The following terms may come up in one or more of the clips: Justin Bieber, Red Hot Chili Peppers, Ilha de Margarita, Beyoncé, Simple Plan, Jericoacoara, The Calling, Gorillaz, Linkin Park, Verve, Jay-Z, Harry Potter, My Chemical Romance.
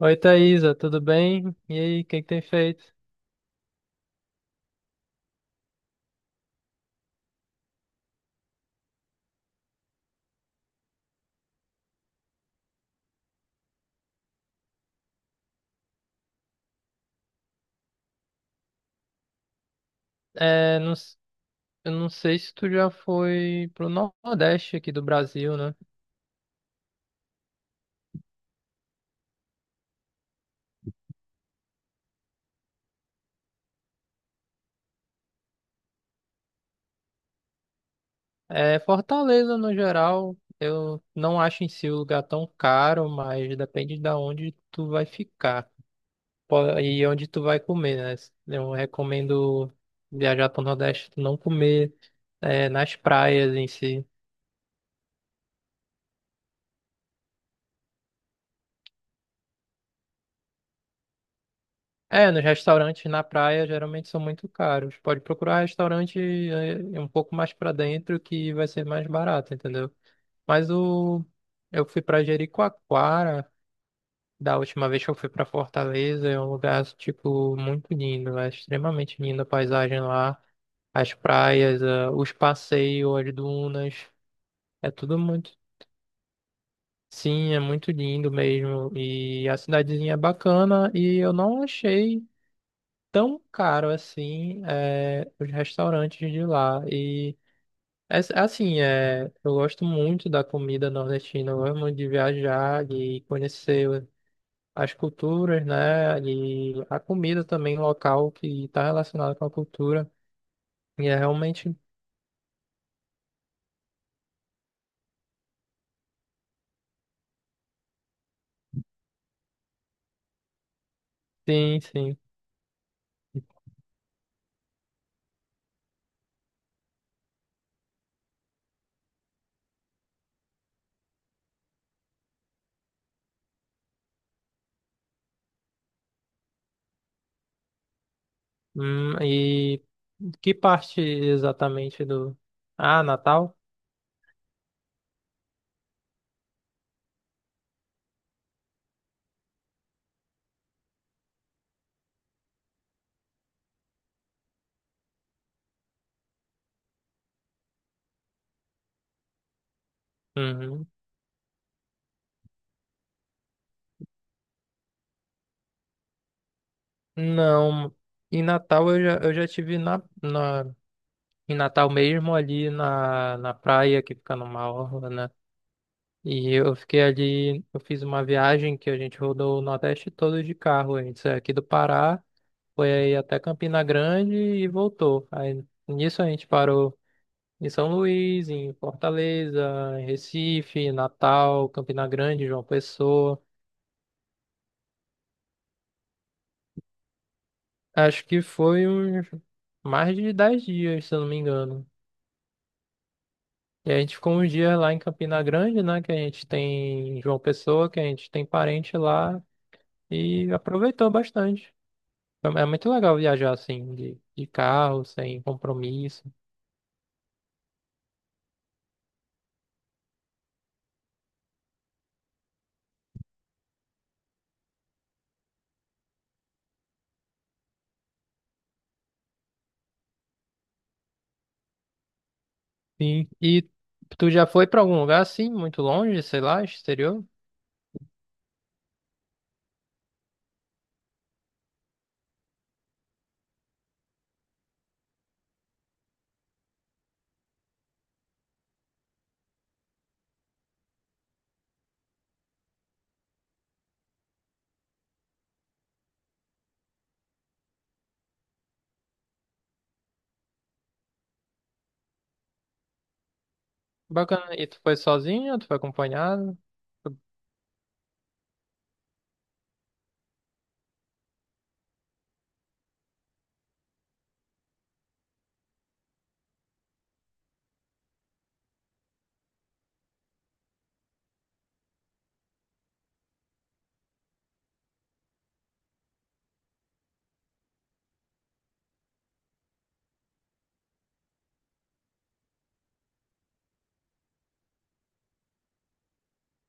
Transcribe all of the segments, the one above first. Oi, Thaisa, tudo bem? E aí, o que que tem feito? É, eu não sei se tu já foi pro Nordeste aqui do Brasil, né? É, Fortaleza, no geral, eu não acho em si o lugar tão caro, mas depende de onde tu vai ficar, e onde tu vai comer, né? Eu recomendo viajar pro Nordeste, tu não comer, nas praias em si. É, nos restaurantes na praia geralmente são muito caros. Pode procurar restaurante, um pouco mais pra dentro que vai ser mais barato, entendeu? Mas o eu fui pra Jericoacoara da última vez que eu fui pra Fortaleza, é um lugar tipo muito lindo, é extremamente linda a paisagem lá, as praias, os passeios, as dunas. É tudo muito Sim, é muito lindo mesmo. E a cidadezinha é bacana e eu não achei tão caro assim, os restaurantes de lá. E, assim, eu gosto muito da comida nordestina, eu gosto muito de viajar, de conhecer as culturas, né? E a comida também local que está relacionada com a cultura. E é realmente, sim, sim. E que parte exatamente do. Ah, Natal? Uhum. Não, em Natal eu já tive em Natal mesmo, ali na praia, que fica numa orla, né? E eu fiquei ali, eu fiz uma viagem que a gente rodou o Nordeste todo de carro. A gente saiu aqui do Pará. Foi aí até Campina Grande e voltou. Aí nisso a gente parou em São Luís, em Fortaleza, em Recife, Natal, Campina Grande, João Pessoa. Acho que foi uns mais de 10 dias, se eu não me engano. E a gente ficou uns dias lá em Campina Grande, né? Que a gente tem em João Pessoa, que a gente tem parente lá e aproveitou bastante. É muito legal viajar assim, de carro, sem compromisso. Sim. E tu já foi pra algum lugar assim, muito longe, sei lá, exterior? Bacana. E tu foi sozinho, ou tu foi acompanhado?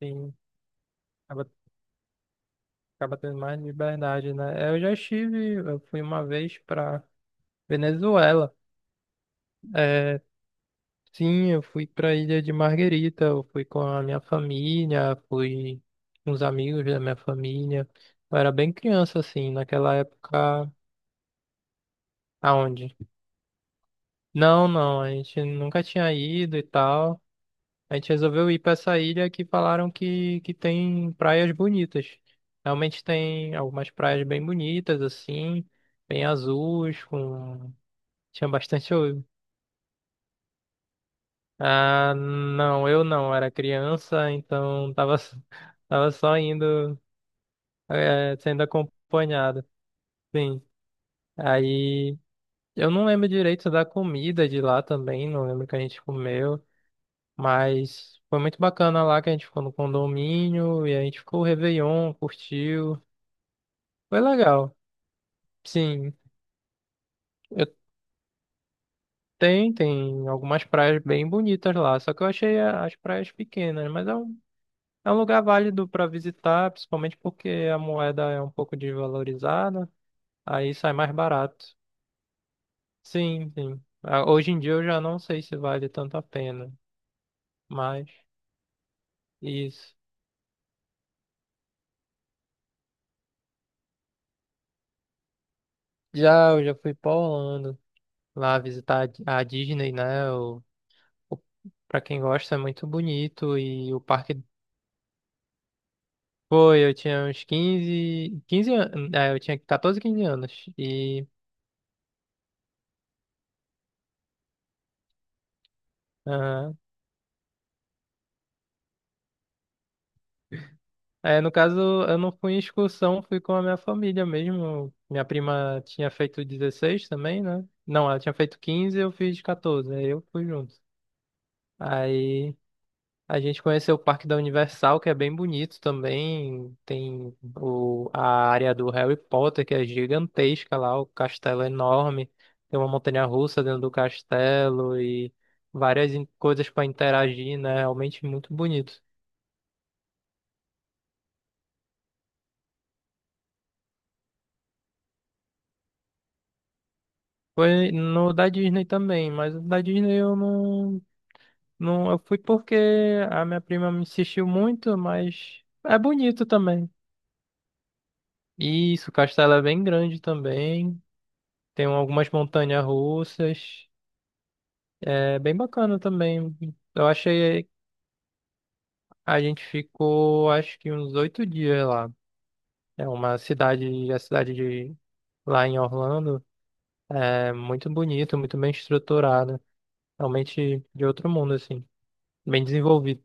Sim. Acaba, acaba tendo mais liberdade, né? É, eu fui uma vez pra Venezuela. É, sim, eu fui pra Ilha de Margarita, eu fui com a minha família, fui com os amigos da minha família. Eu era bem criança, assim, naquela época. Aonde? Não, não, a gente nunca tinha ido e tal. A gente resolveu ir para essa ilha que falaram que tem praias bonitas. Realmente tem algumas praias bem bonitas, assim, bem azuis, com. Tinha bastante. Ah, não, eu não, era criança, então tava, tava só indo, sendo acompanhado. Sim, aí eu não lembro direito da comida de lá também, não lembro o que a gente comeu. Mas foi muito bacana lá que a gente ficou no condomínio e a gente ficou o Réveillon, curtiu. Foi legal. Sim, eu tem algumas praias bem bonitas lá, só que eu achei as praias pequenas, mas é um lugar válido para visitar, principalmente porque a moeda é um pouco desvalorizada, aí sai mais barato. Sim, sim. Ah, hoje em dia eu já não sei se vale tanto a pena, mas isso. Já, eu já fui para Orlando lá visitar a Disney, né? Pra quem gosta, é muito bonito e o parque eu tinha uns quinze anos, eu tinha 14, 15 anos e aham. No caso, eu não fui em excursão, fui com a minha família mesmo. Minha prima tinha feito 16 também, né? Não, ela tinha feito 15, eu fiz 14, aí eu fui junto. Aí a gente conheceu o Parque da Universal, que é bem bonito também. Tem o, a área do Harry Potter, que é gigantesca lá, o castelo é enorme. Tem uma montanha-russa dentro do castelo e várias coisas para interagir, né? Realmente muito bonito. Foi no da Disney também, mas o da Disney eu não, não. Eu fui porque a minha prima me insistiu muito, mas é bonito também. Isso, o castelo é bem grande também. Tem algumas montanhas russas. É bem bacana também. Eu achei. A gente ficou, acho que uns 8 dias lá. É uma cidade, a cidade de lá em Orlando. É muito bonita, muito bem estruturada. Realmente de outro mundo, assim. Bem desenvolvido.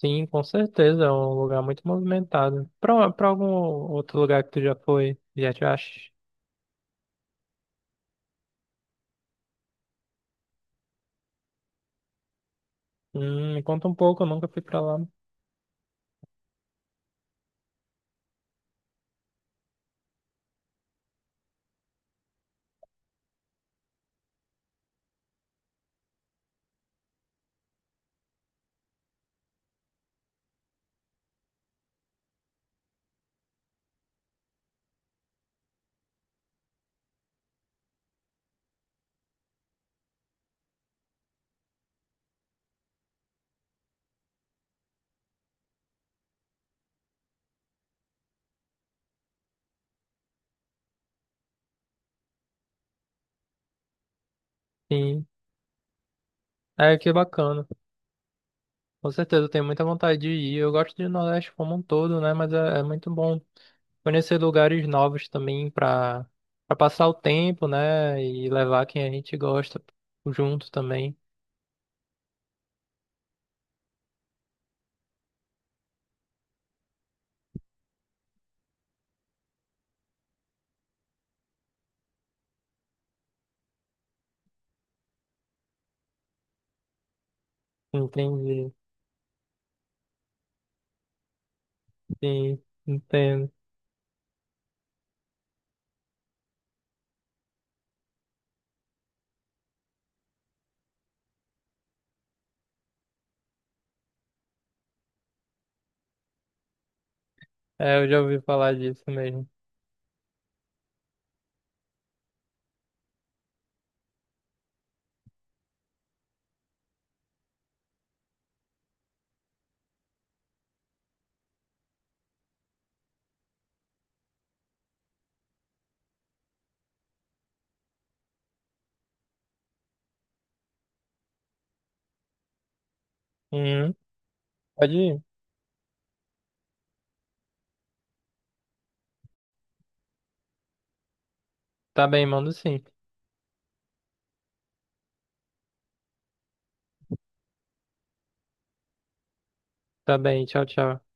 Sim, com certeza. É um lugar muito movimentado. Pra algum outro lugar que tu já foi, já te acha? Me conta um pouco, eu nunca fui pra lá. Sim. É, que bacana. Com certeza, eu tenho muita vontade de ir. Eu gosto de Nordeste como um todo, né? Mas é muito bom conhecer lugares novos também para passar o tempo, né? E levar quem a gente gosta junto também. Entendi. Sim, entendo. É, eu já ouvi falar disso mesmo. Uhum. Pode ir. Tá bem, mando sim. Tá bem, tchau, tchau.